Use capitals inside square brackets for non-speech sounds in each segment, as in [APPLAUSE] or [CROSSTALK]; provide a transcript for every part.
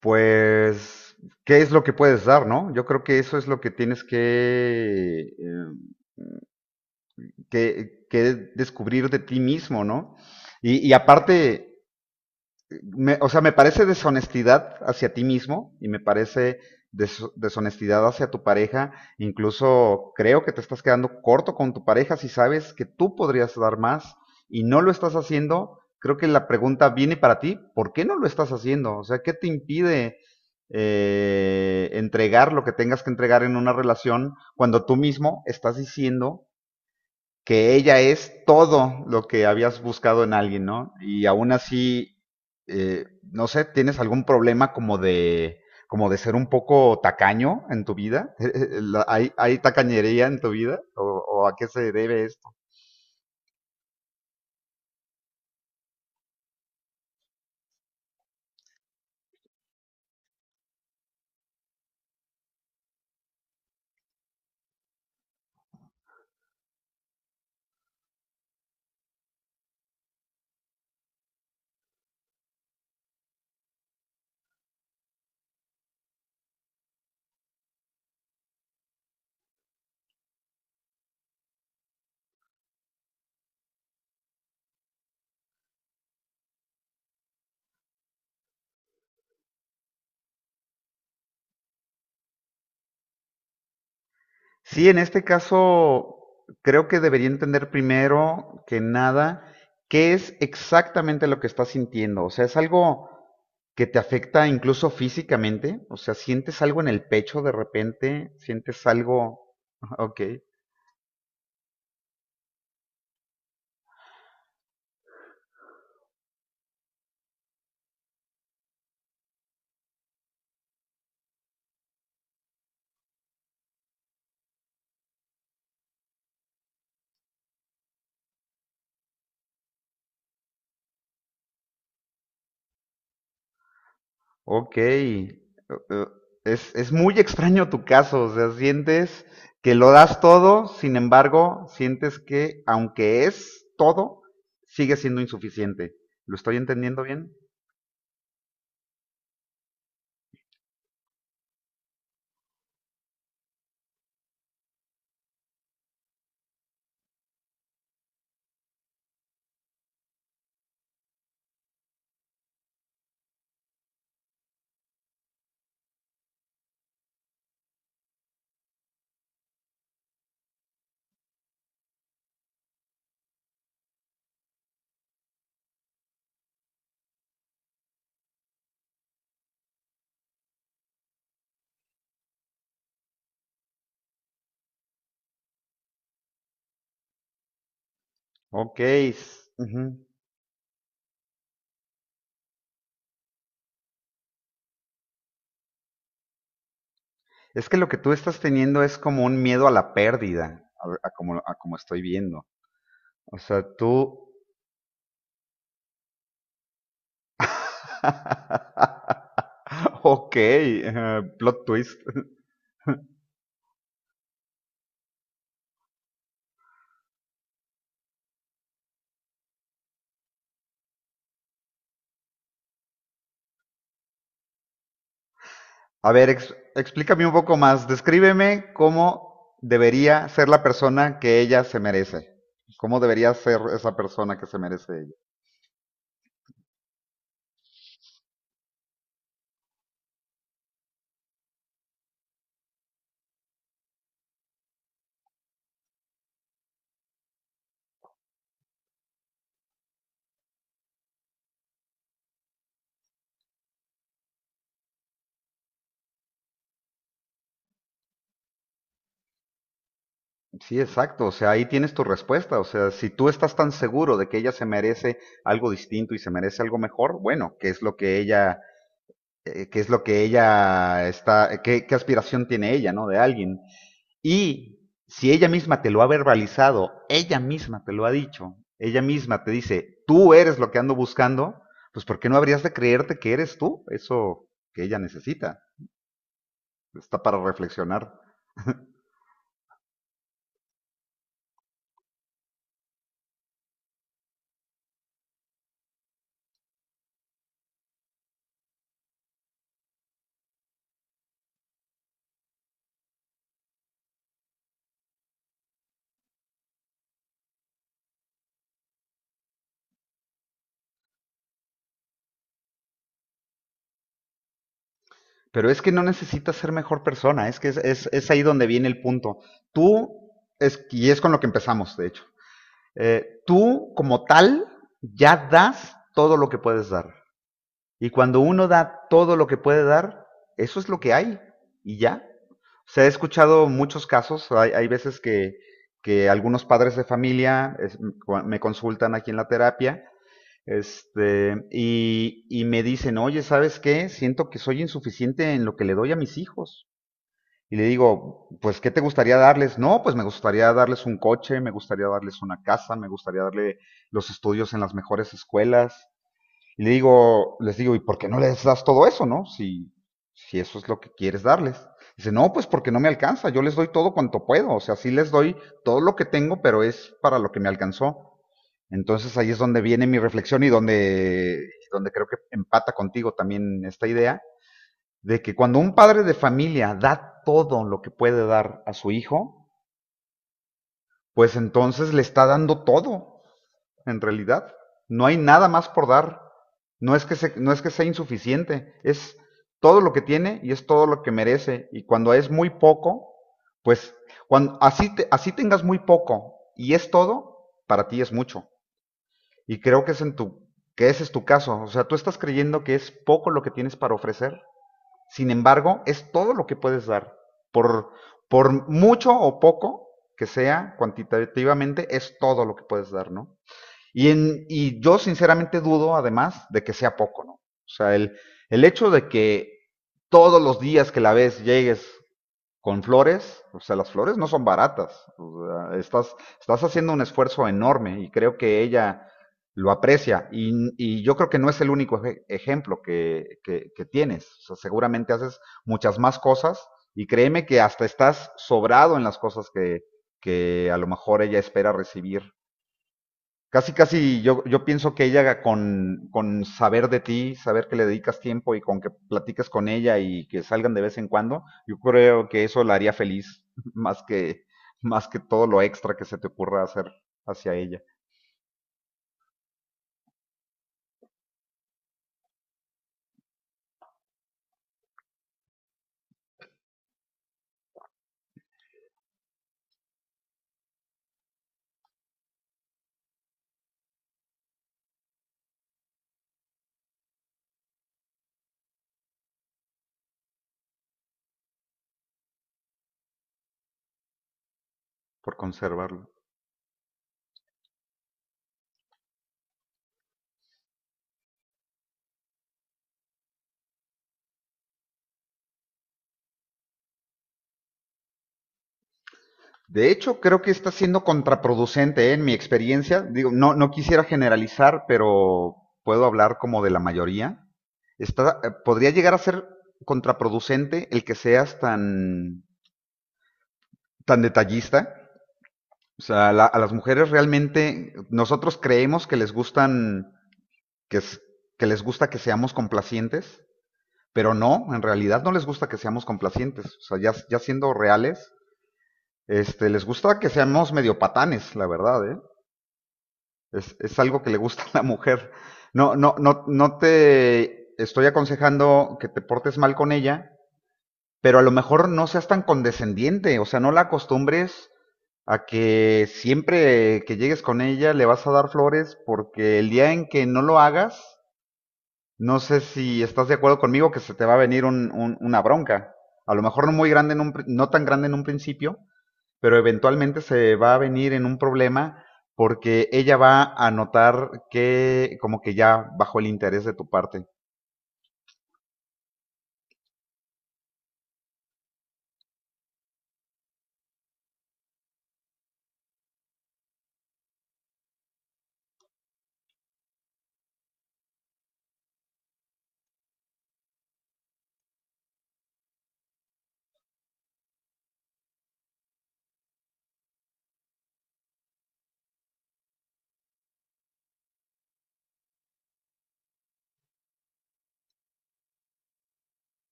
Pues, ¿qué es lo que puedes dar, no? Yo creo que eso es lo que tienes que, que descubrir de ti mismo, ¿no? Y aparte, o sea, me parece deshonestidad hacia ti mismo y me parece deshonestidad hacia tu pareja. Incluso creo que te estás quedando corto con tu pareja si sabes que tú podrías dar más y no lo estás haciendo. Creo que la pregunta viene para ti. ¿Por qué no lo estás haciendo? O sea, ¿qué te impide, entregar lo que tengas que entregar en una relación cuando tú mismo estás diciendo que ella es todo lo que habías buscado en alguien, ¿no? Y aún así, eh, no sé, ¿tienes algún problema como de ser un poco tacaño en tu vida? [LAUGHS] ¿Hay tacañería en tu vida? O a qué se debe? Sí, en este caso creo que debería entender primero que nada qué es exactamente lo que estás sintiendo. O sea, es algo que te afecta incluso físicamente. O sea, sientes algo en el pecho de repente, sientes algo… [LAUGHS] Ok, ok. Eh, es muy extraño tu caso. O sea, sientes que lo das todo, sin embargo, sientes que aunque es todo, sigue siendo insuficiente. ¿Lo estoy entendiendo bien? Ok. Ujú. Es que lo que tú estás teniendo es como un miedo a la pérdida, a como estoy viendo. O sea, tú… [LAUGHS] Ok, plot twist. A ver, explícame un poco más. Descríbeme cómo debería ser la persona que ella se merece. ¿Cómo debería ser esa persona que se merece ella? Sí, exacto. O sea, ahí tienes tu respuesta. O sea, si tú estás tan seguro de que ella se merece algo distinto y se merece algo mejor, bueno, ¿qué es lo que ella, qué es lo que ella está, qué, qué aspiración tiene ella, ¿no? De alguien. Y si ella misma te lo ha verbalizado, ella misma te lo ha dicho, ella misma te dice, tú eres lo que ando buscando, pues ¿por qué no habrías de creerte que eres tú? Eso que ella necesita, está para reflexionar. Pero es que no necesitas ser mejor persona, es que es ahí donde viene el punto. Tú, es, y es con lo que empezamos, de hecho, tú como tal ya das todo lo que puedes dar. Y cuando uno da todo lo que puede dar, eso es lo que hay y ya. O sea, he escuchado muchos casos, hay veces que algunos padres de familia me consultan aquí en la terapia, este, y me dicen, oye, ¿sabes qué? Siento que soy insuficiente en lo que le doy a mis hijos. Y le digo, pues, ¿qué te gustaría darles? No, pues me gustaría darles un coche, me gustaría darles una casa, me gustaría darle los estudios en las mejores escuelas, y le digo, les digo, ¿y por qué no les das todo eso, no? Si, si eso es lo que quieres darles. Dice, no, pues porque no me alcanza, yo les doy todo cuanto puedo, o sea, sí les doy todo lo que tengo, pero es para lo que me alcanzó. Entonces ahí es donde viene mi reflexión y donde, donde creo que empata contigo también esta idea, de que cuando un padre de familia da todo lo que puede dar a su hijo, pues entonces le está dando todo, en realidad. No hay nada más por dar. No es que, no es que sea insuficiente, es todo lo que tiene y es todo lo que merece. Y cuando es muy poco, pues cuando así, así tengas muy poco y es todo, para ti es mucho. Y creo que, que ese es tu caso. O sea, tú estás creyendo que es poco lo que tienes para ofrecer. Sin embargo, es todo lo que puedes dar. Por, por mucho o poco que sea, cuantitativamente es todo lo que puedes dar, ¿no? Y yo sinceramente dudo, además, de que sea poco, ¿no? O sea, el hecho de que todos los días que la ves llegues con flores, o sea, las flores no son baratas. O sea, estás haciendo un esfuerzo enorme y creo que ella lo aprecia. Y yo creo que no es el único ejemplo que, que tienes. O sea, seguramente haces muchas más cosas y créeme que hasta estás sobrado en las cosas que a lo mejor ella espera recibir. Casi, casi yo, yo pienso que ella con saber de ti, saber que le dedicas tiempo y con que platiques con ella y que salgan de vez en cuando, yo creo que eso la haría feliz, [LAUGHS] más que, más que todo lo extra que se te ocurra hacer hacia ella por conservarlo. De hecho, creo que está siendo contraproducente, ¿eh? En mi experiencia. Digo, no, no quisiera generalizar, pero puedo hablar como de la mayoría. Está, podría llegar a ser contraproducente el que seas tan, tan detallista. O sea, a las mujeres realmente nosotros creemos que les gustan que, que les gusta que seamos complacientes, pero no, en realidad no les gusta que seamos complacientes. O sea, ya, ya siendo reales, este, les gusta que seamos medio patanes, la verdad, ¿eh? Es algo que le gusta [LAUGHS] a la mujer. No, no, no, no te estoy aconsejando que te portes mal con ella, pero a lo mejor no seas tan condescendiente, o sea, no la acostumbres a que siempre que llegues con ella le vas a dar flores porque el día en que no lo hagas, no sé si estás de acuerdo conmigo que se te va a venir una bronca. A lo mejor no muy grande, en un no tan grande en un principio, pero eventualmente se va a venir en un problema porque ella va a notar que como que ya bajó el interés de tu parte.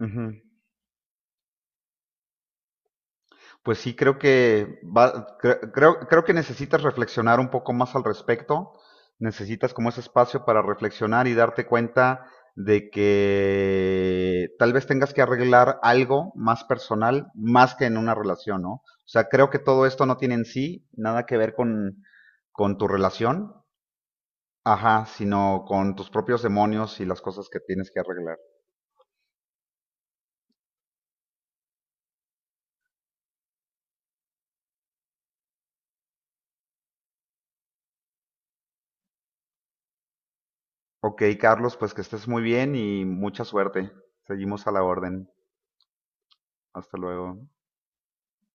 Ujú. Pues sí creo que va, creo, creo que necesitas reflexionar un poco más al respecto. Necesitas como ese espacio para reflexionar y darte cuenta de que tal vez tengas que arreglar algo más personal, más que en una relación, ¿no? O sea, creo que todo esto no tiene en sí nada que ver con tu relación, ajá, sino con tus propios demonios y las cosas que tienes que arreglar. Ok, Carlos, pues que estés muy bien y mucha suerte. Seguimos a la orden. Hasta luego.